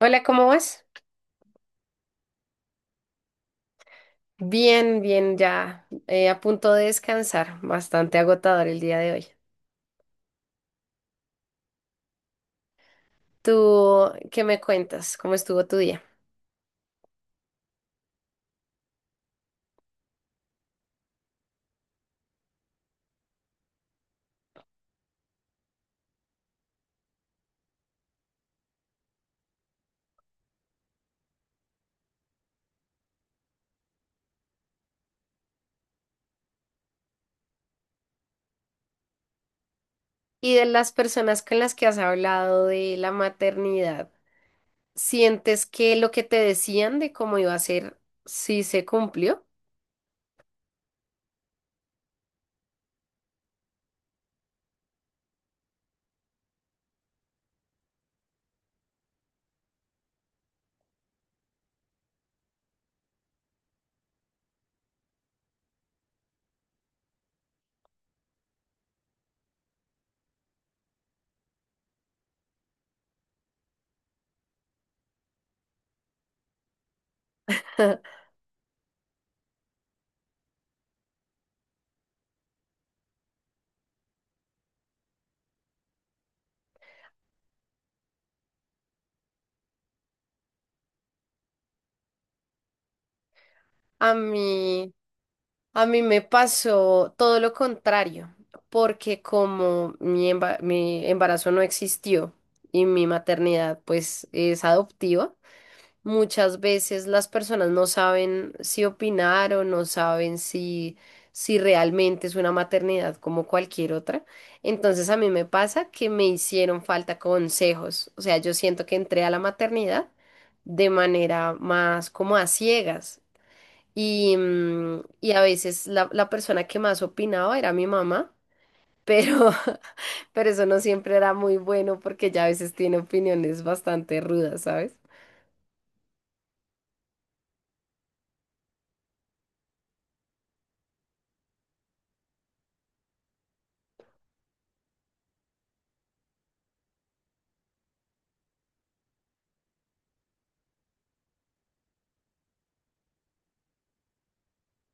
Hola, ¿cómo vas? Bien, bien, ya a punto de descansar. Bastante agotador el día de hoy. ¿Tú qué me cuentas? ¿Cómo estuvo tu día? Y de las personas con las que has hablado de la maternidad, ¿sientes que lo que te decían de cómo iba a ser sí se cumplió? A mí, a mí me pasó todo lo contrario, porque como mi embarazo no existió y mi maternidad pues es adoptiva. Muchas veces las personas no saben si opinar o no saben si realmente es una maternidad como cualquier otra. Entonces a mí me pasa que me hicieron falta consejos. O sea, yo siento que entré a la maternidad de manera más como a ciegas. Y, y a veces la persona que más opinaba era mi mamá, pero, pero eso no siempre era muy bueno porque ya a veces tiene opiniones bastante rudas, ¿sabes?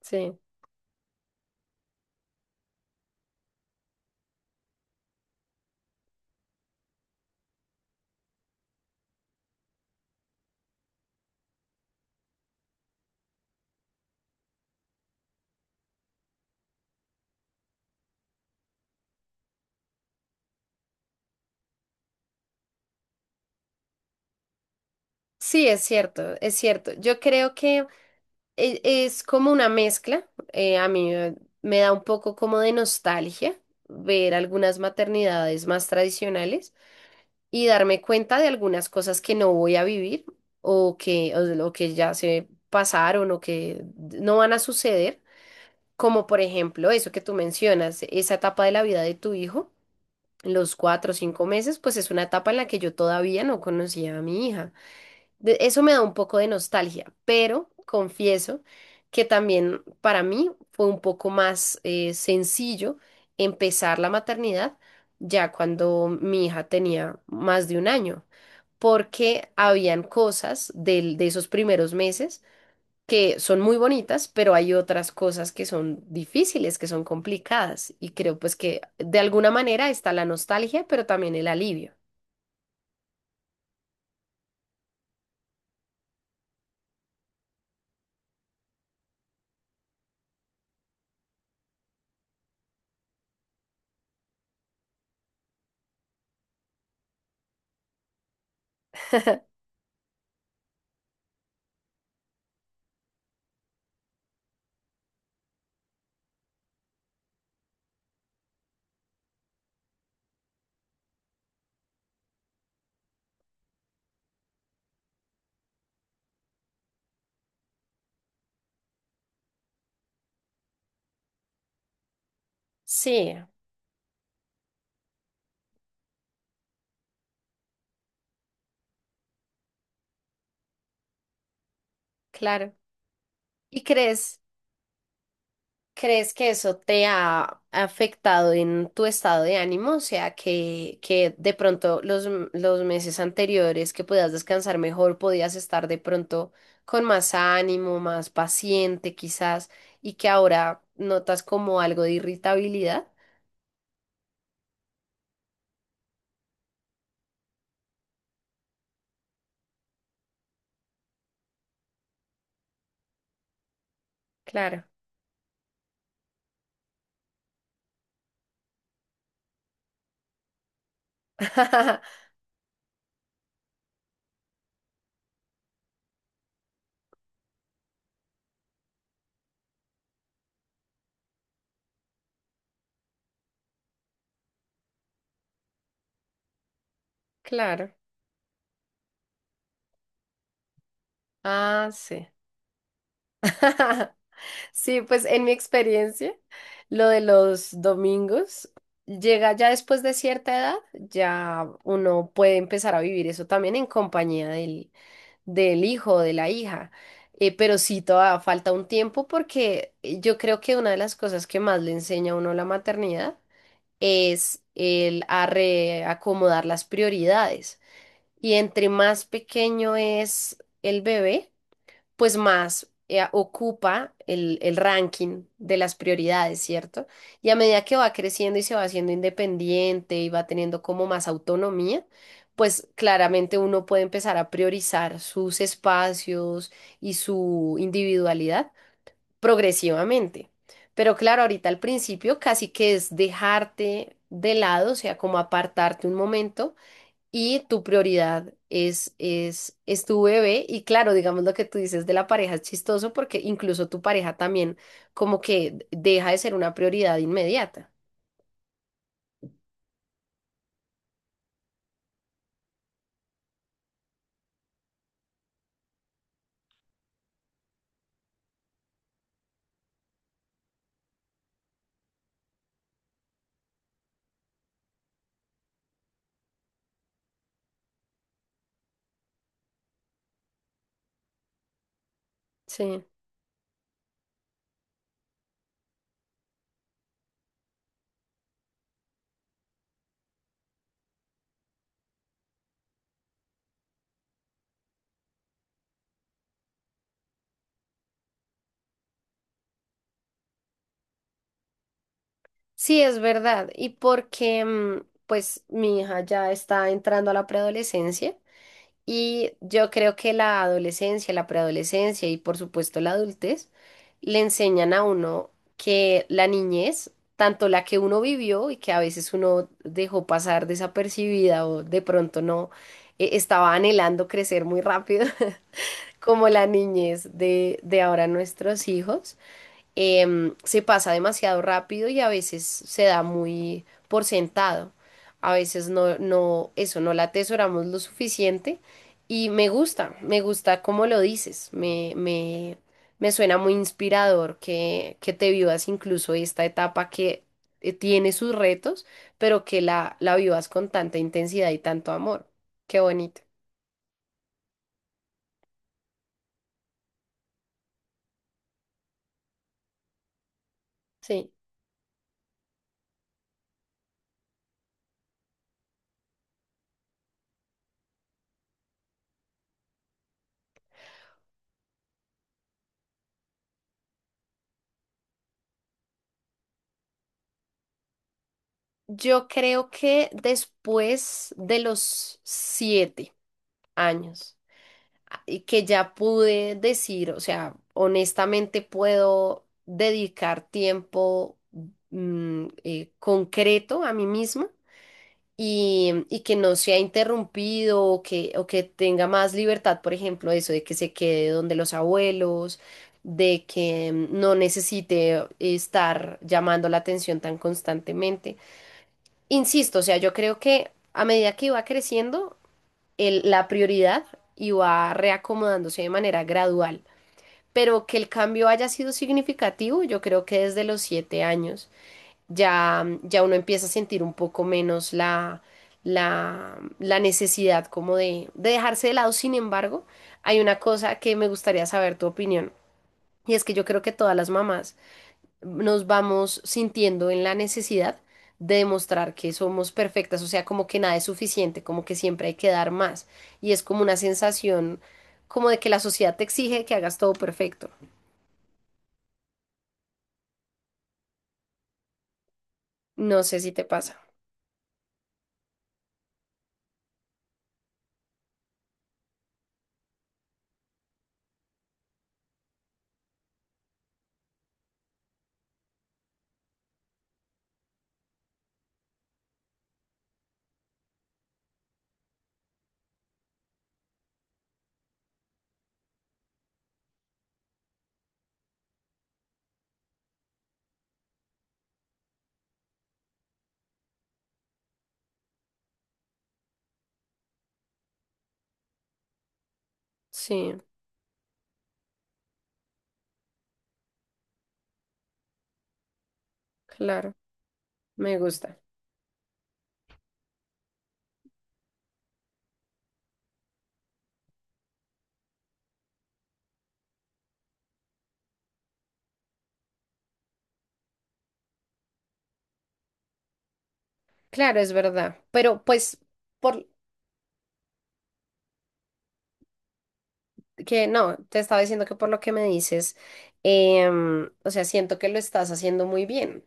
Sí. Sí, es cierto, es cierto. Yo creo que es como una mezcla. A mí, me da un poco como de nostalgia ver algunas maternidades más tradicionales y darme cuenta de algunas cosas que no voy a vivir o o que ya se pasaron o que no van a suceder. Como por ejemplo eso que tú mencionas, esa etapa de la vida de tu hijo, los cuatro o cinco meses, pues es una etapa en la que yo todavía no conocía a mi hija. Eso me da un poco de nostalgia, pero confieso que también para mí fue un poco más sencillo empezar la maternidad ya cuando mi hija tenía más de un año, porque habían cosas de esos primeros meses que son muy bonitas, pero hay otras cosas que son difíciles, que son complicadas, y creo pues que de alguna manera está la nostalgia, pero también el alivio. Sí, claro. ¿Y crees? ¿Crees que eso te ha afectado en tu estado de ánimo? O sea, que de pronto los meses anteriores que podías descansar mejor, podías estar de pronto con más ánimo, más paciente quizás, y que ahora notas como algo de irritabilidad. Claro, claro. Ah, sí. Sí, pues en mi experiencia, lo de los domingos llega ya después de cierta edad, ya uno puede empezar a vivir eso también en compañía del hijo o de la hija. Pero sí, todavía falta un tiempo porque yo creo que una de las cosas que más le enseña a uno la maternidad es el a reacomodar las prioridades. Y entre más pequeño es el bebé, pues más ocupa el ranking de las prioridades, ¿cierto? Y a medida que va creciendo y se va haciendo independiente y va teniendo como más autonomía, pues claramente uno puede empezar a priorizar sus espacios y su individualidad progresivamente. Pero claro, ahorita al principio casi que es dejarte de lado, o sea, como apartarte un momento y tu prioridad es tu bebé. Y claro, digamos lo que tú dices de la pareja es chistoso porque incluso tu pareja también como que deja de ser una prioridad inmediata. Sí, sí, es verdad. Y porque, mm, pues, mi hija ya está entrando a la preadolescencia. Y yo creo que la adolescencia, la preadolescencia y por supuesto la adultez le enseñan a uno que la niñez, tanto la que uno vivió y que a veces uno dejó pasar desapercibida o de pronto no estaba anhelando crecer muy rápido, como la niñez de ahora nuestros hijos se pasa demasiado rápido y a veces se da muy por sentado. A veces no la atesoramos lo suficiente y me gusta cómo lo dices, me suena muy inspirador que te vivas incluso esta etapa que tiene sus retos, pero que la vivas con tanta intensidad y tanto amor. Qué bonito. Sí. Yo creo que después de los 7 años. Y que ya pude decir, o sea, honestamente puedo dedicar tiempo concreto a mí misma y que no sea interrumpido o que tenga más libertad, por ejemplo, eso de que se quede donde los abuelos, de que no necesite estar llamando la atención tan constantemente. Insisto, o sea, yo creo que a medida que iba creciendo, la prioridad y va reacomodándose de manera gradual. Pero que el cambio haya sido significativo, yo creo que desde los 7 años ya, ya uno empieza a sentir un poco menos la necesidad como de dejarse de lado. Sin embargo, hay una cosa que me gustaría saber tu opinión. Y es que yo creo que todas las mamás nos vamos sintiendo en la necesidad de demostrar que somos perfectas, o sea, como que nada es suficiente, como que siempre hay que dar más. Y es como una sensación como de que la sociedad te exige que hagas todo perfecto. No sé si te pasa. Sí, claro, me gusta. Claro, es verdad. Pero pues, por, que no, te estaba diciendo que por lo que me dices, o sea, siento que lo estás haciendo muy bien.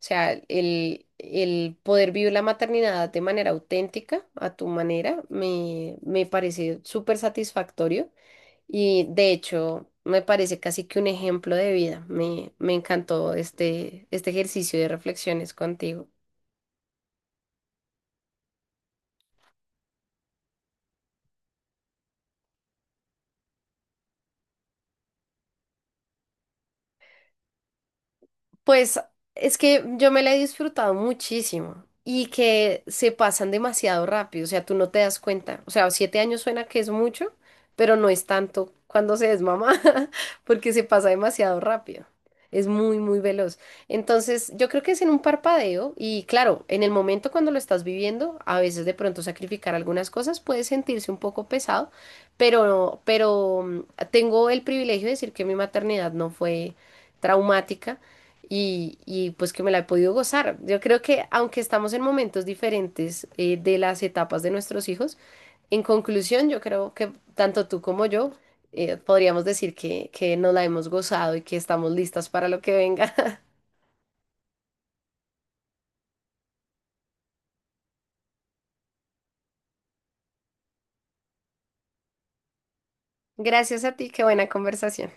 O sea, el poder vivir la maternidad de manera auténtica, a tu manera, me parece súper satisfactorio y de hecho me parece casi que un ejemplo de vida. Me encantó este ejercicio de reflexiones contigo. Pues es que yo me la he disfrutado muchísimo y que se pasan demasiado rápido, o sea, tú no te das cuenta. O sea, 7 años suena que es mucho, pero no es tanto cuando se es mamá, porque se pasa demasiado rápido. Es muy, muy veloz. Entonces, yo creo que es en un parpadeo y claro, en el momento cuando lo estás viviendo, a veces de pronto sacrificar algunas cosas puede sentirse un poco pesado, pero mm, tengo el privilegio de decir que mi maternidad no fue traumática y, pues que me la he podido gozar. Yo creo que aunque estamos en momentos diferentes de las etapas de nuestros hijos, en conclusión yo creo que tanto tú como yo podríamos decir que nos la hemos gozado y que estamos listas para lo que venga. Gracias a ti, qué buena conversación.